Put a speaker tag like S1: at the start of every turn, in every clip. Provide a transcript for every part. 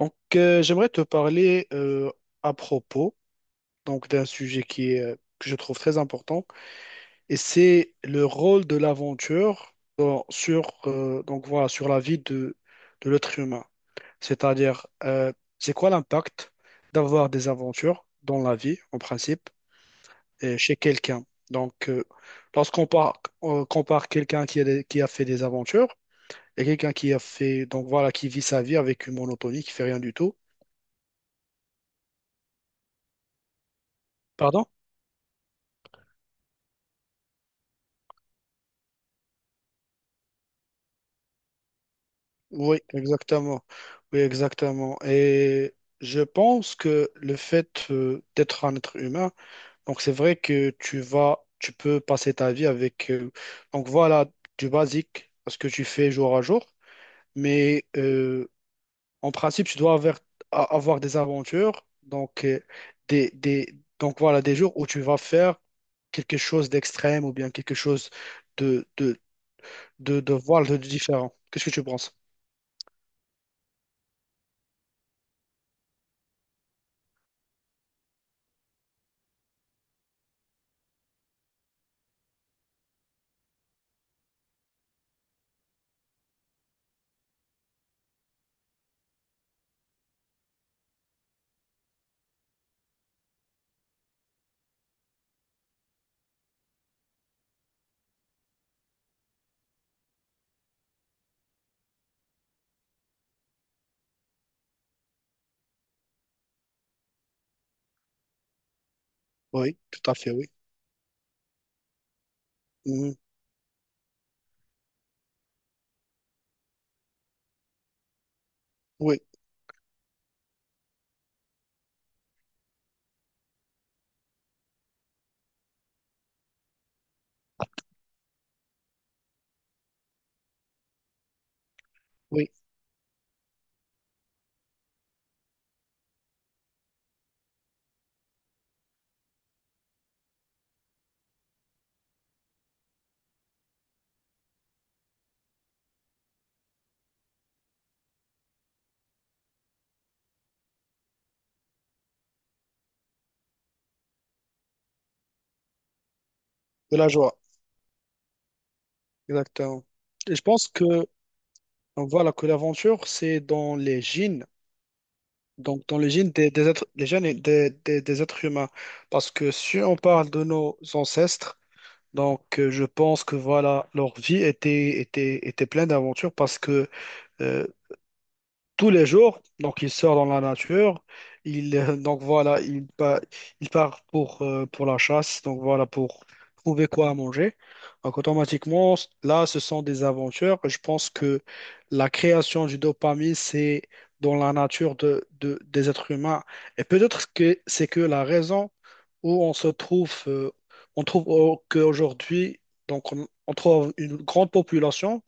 S1: Donc, j'aimerais te parler à propos donc d'un sujet qui est, que je trouve très important, et c'est le rôle de l'aventure sur donc voilà sur la vie de l'être humain. C'est-à-dire, c'est quoi l'impact d'avoir des aventures dans la vie en principe et chez quelqu'un. Donc, lorsqu'on par- on compare quelqu'un qui a, qui a fait des aventures, et quelqu'un qui a fait donc voilà qui vit sa vie avec une monotonie, qui fait rien du tout. Pardon? Oui, exactement. Oui, exactement. Et je pense que le fait d'être un être humain, donc c'est vrai que tu vas, tu peux passer ta vie avec, donc voilà, du basique, ce que tu fais jour à jour. Mais en principe, tu dois avoir, avoir des aventures, donc des, des, donc voilà, des jours où tu vas faire quelque chose d'extrême ou bien quelque chose de, de, voilà, de différent. Qu'est-ce que tu penses? Oui, tout à fait, oui. Oui, oui, de la joie, exactement. Et je pense que, donc voilà, que l'aventure, c'est dans les gènes, donc dans les gènes des êtres, les gènes et des êtres humains. Parce que si on parle de nos ancêtres, donc je pense que voilà, leur vie était pleine d'aventures, parce que euh, tous les jours. Donc, il sort dans la nature. Il, donc, voilà, il part pour la chasse. Donc, voilà, pour trouver quoi à manger. Donc, automatiquement, là, ce sont des aventures. Je pense que la création du dopamine, c'est dans la nature des êtres humains. Et peut-être que c'est que la raison où on se trouve, qu'aujourd'hui, donc, on trouve une grande population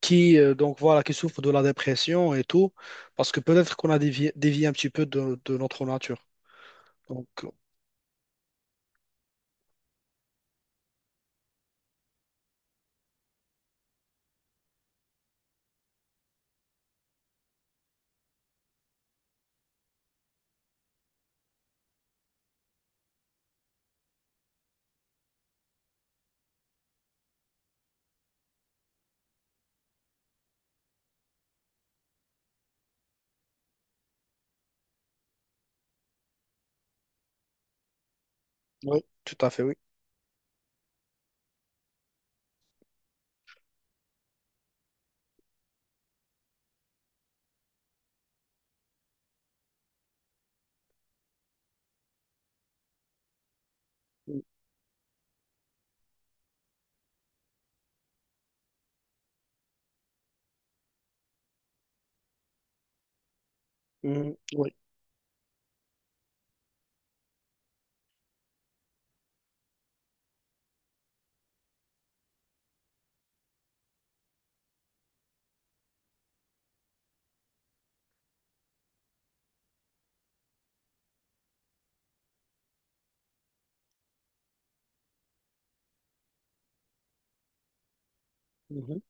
S1: qui donc voilà qui souffrent de la dépression et tout, parce que peut-être qu'on a dévié, dévié un petit peu de notre nature. Donc oui, tout à fait, oui. Mhm, oui, mhm,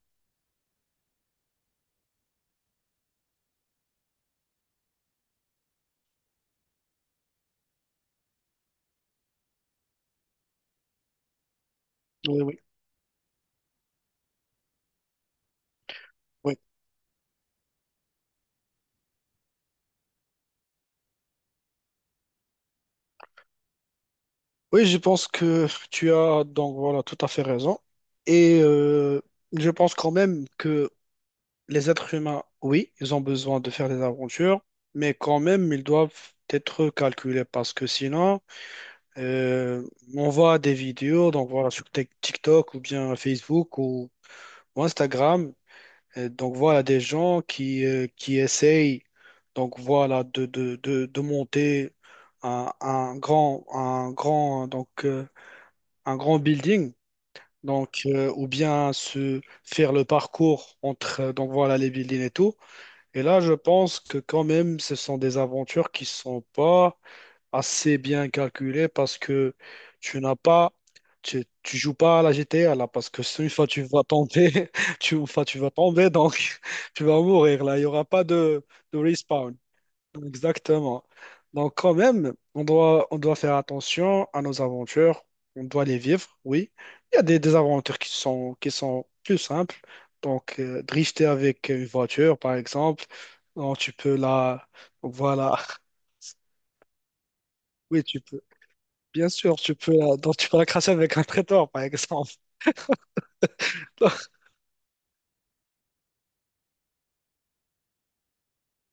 S1: oui, oui, oui. Oui, je pense que tu as donc voilà tout à fait raison. Et je pense quand même que les êtres humains, oui, ils ont besoin de faire des aventures, mais quand même ils doivent être calculés, parce que sinon euh, on voit des vidéos donc voilà sur TikTok ou bien Facebook ou Instagram. Et donc voilà, des gens qui essayent donc voilà, de monter un grand, donc, un grand building. Donc, ou bien se faire le parcours entre donc voilà, les buildings et tout. Et là, je pense que quand même, ce sont des aventures qui sont pas assez bien calculé, parce que tu n'as pas, tu joues pas à la GTA là, parce que une fois tu vas tomber, une fois tu vas tomber, donc tu vas mourir là. Il n'y aura pas de, respawn. Exactement. Donc quand même, on doit faire attention à nos aventures. On doit les vivre, oui. Il y a des aventures qui sont plus simples. Donc, drifter avec une voiture, par exemple, donc tu peux la. Voilà. Oui, tu peux bien sûr, tu peux la, donc tu peux la cracher avec un traiteur, par exemple.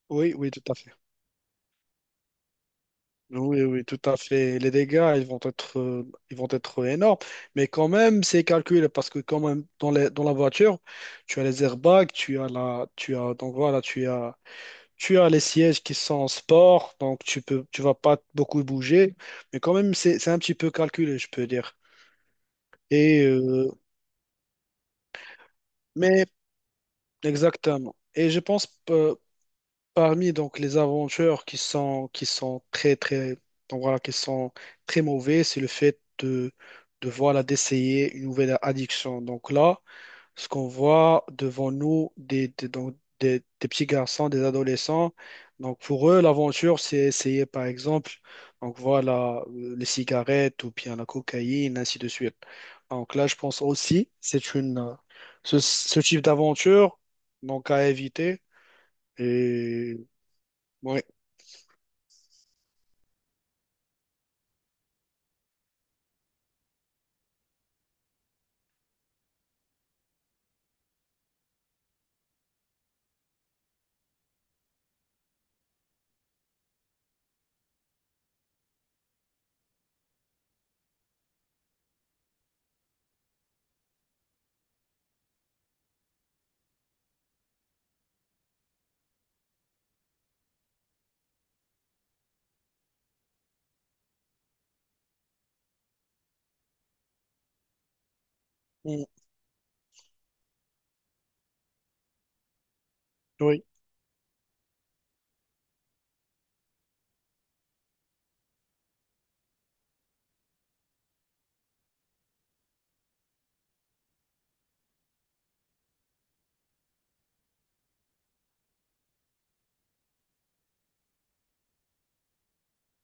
S1: Oui, oui, tout à fait. Oui, oui, tout à fait. Les dégâts, ils vont être, ils vont être énormes. Mais quand même, c'est calculé parce que quand même, dans la voiture, tu as les airbags, tu as la, tu as, donc voilà, tu as les sièges qui sont en sport, donc tu peux, tu vas pas beaucoup bouger. Mais quand même, c'est un petit peu calculé, je peux dire. Et, mais exactement. Et je pense, parmi donc les aventures qui sont très très donc voilà qui sont très mauvais, c'est le fait de voilà d'essayer une nouvelle addiction. Donc là, ce qu'on voit devant nous donc, des petits garçons, des adolescents, donc pour eux l'aventure c'est essayer par exemple donc voilà les cigarettes ou bien la cocaïne, ainsi de suite. Donc là, je pense aussi c'est une ce type d'aventure donc à éviter, et ouais. Mhm. Oui,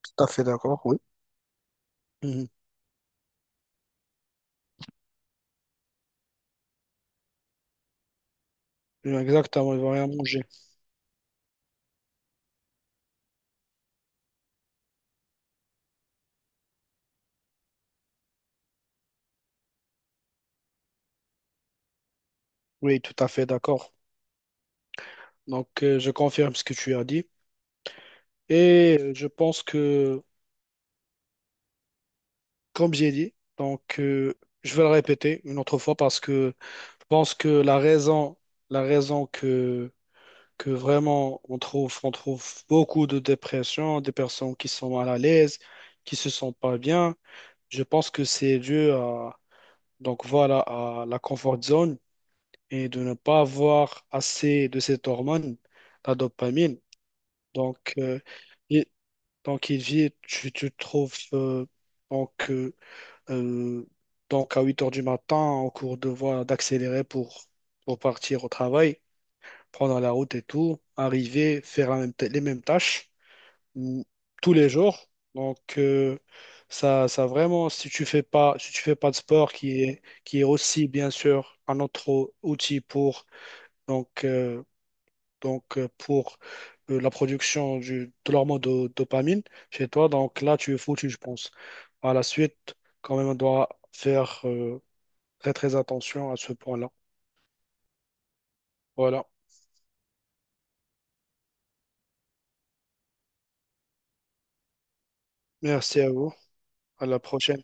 S1: tout à fait d'accord, oui. Mhm. Exactement, ils vont rien manger. Oui, tout à fait d'accord. Donc, je confirme ce que tu as dit. Et je pense que, comme j'ai dit, donc, je vais le répéter une autre fois, parce que je pense que la raison que vraiment on trouve beaucoup de dépression, des personnes qui sont mal à l'aise, qui se sentent pas bien, je pense que c'est dû à, donc voilà, à la comfort zone, et de ne pas avoir assez de cette hormone, la dopamine. Donc, il, donc il vit, tu te trouves donc, euh, euh, donc à 8 heures du matin en cours de voie d'accélérer pour, partir au travail, prendre la route et tout, arriver, faire les mêmes tâches mm, tous les jours. Donc, ça vraiment, si tu fais pas, de sport, qui est aussi bien sûr un autre outil pour donc, euh, donc pour la production de l'hormone de, dopamine chez toi. Donc là, tu es foutu, je pense. À la suite, quand même, on doit faire très très attention à ce point-là. Voilà. Merci à vous. À la prochaine.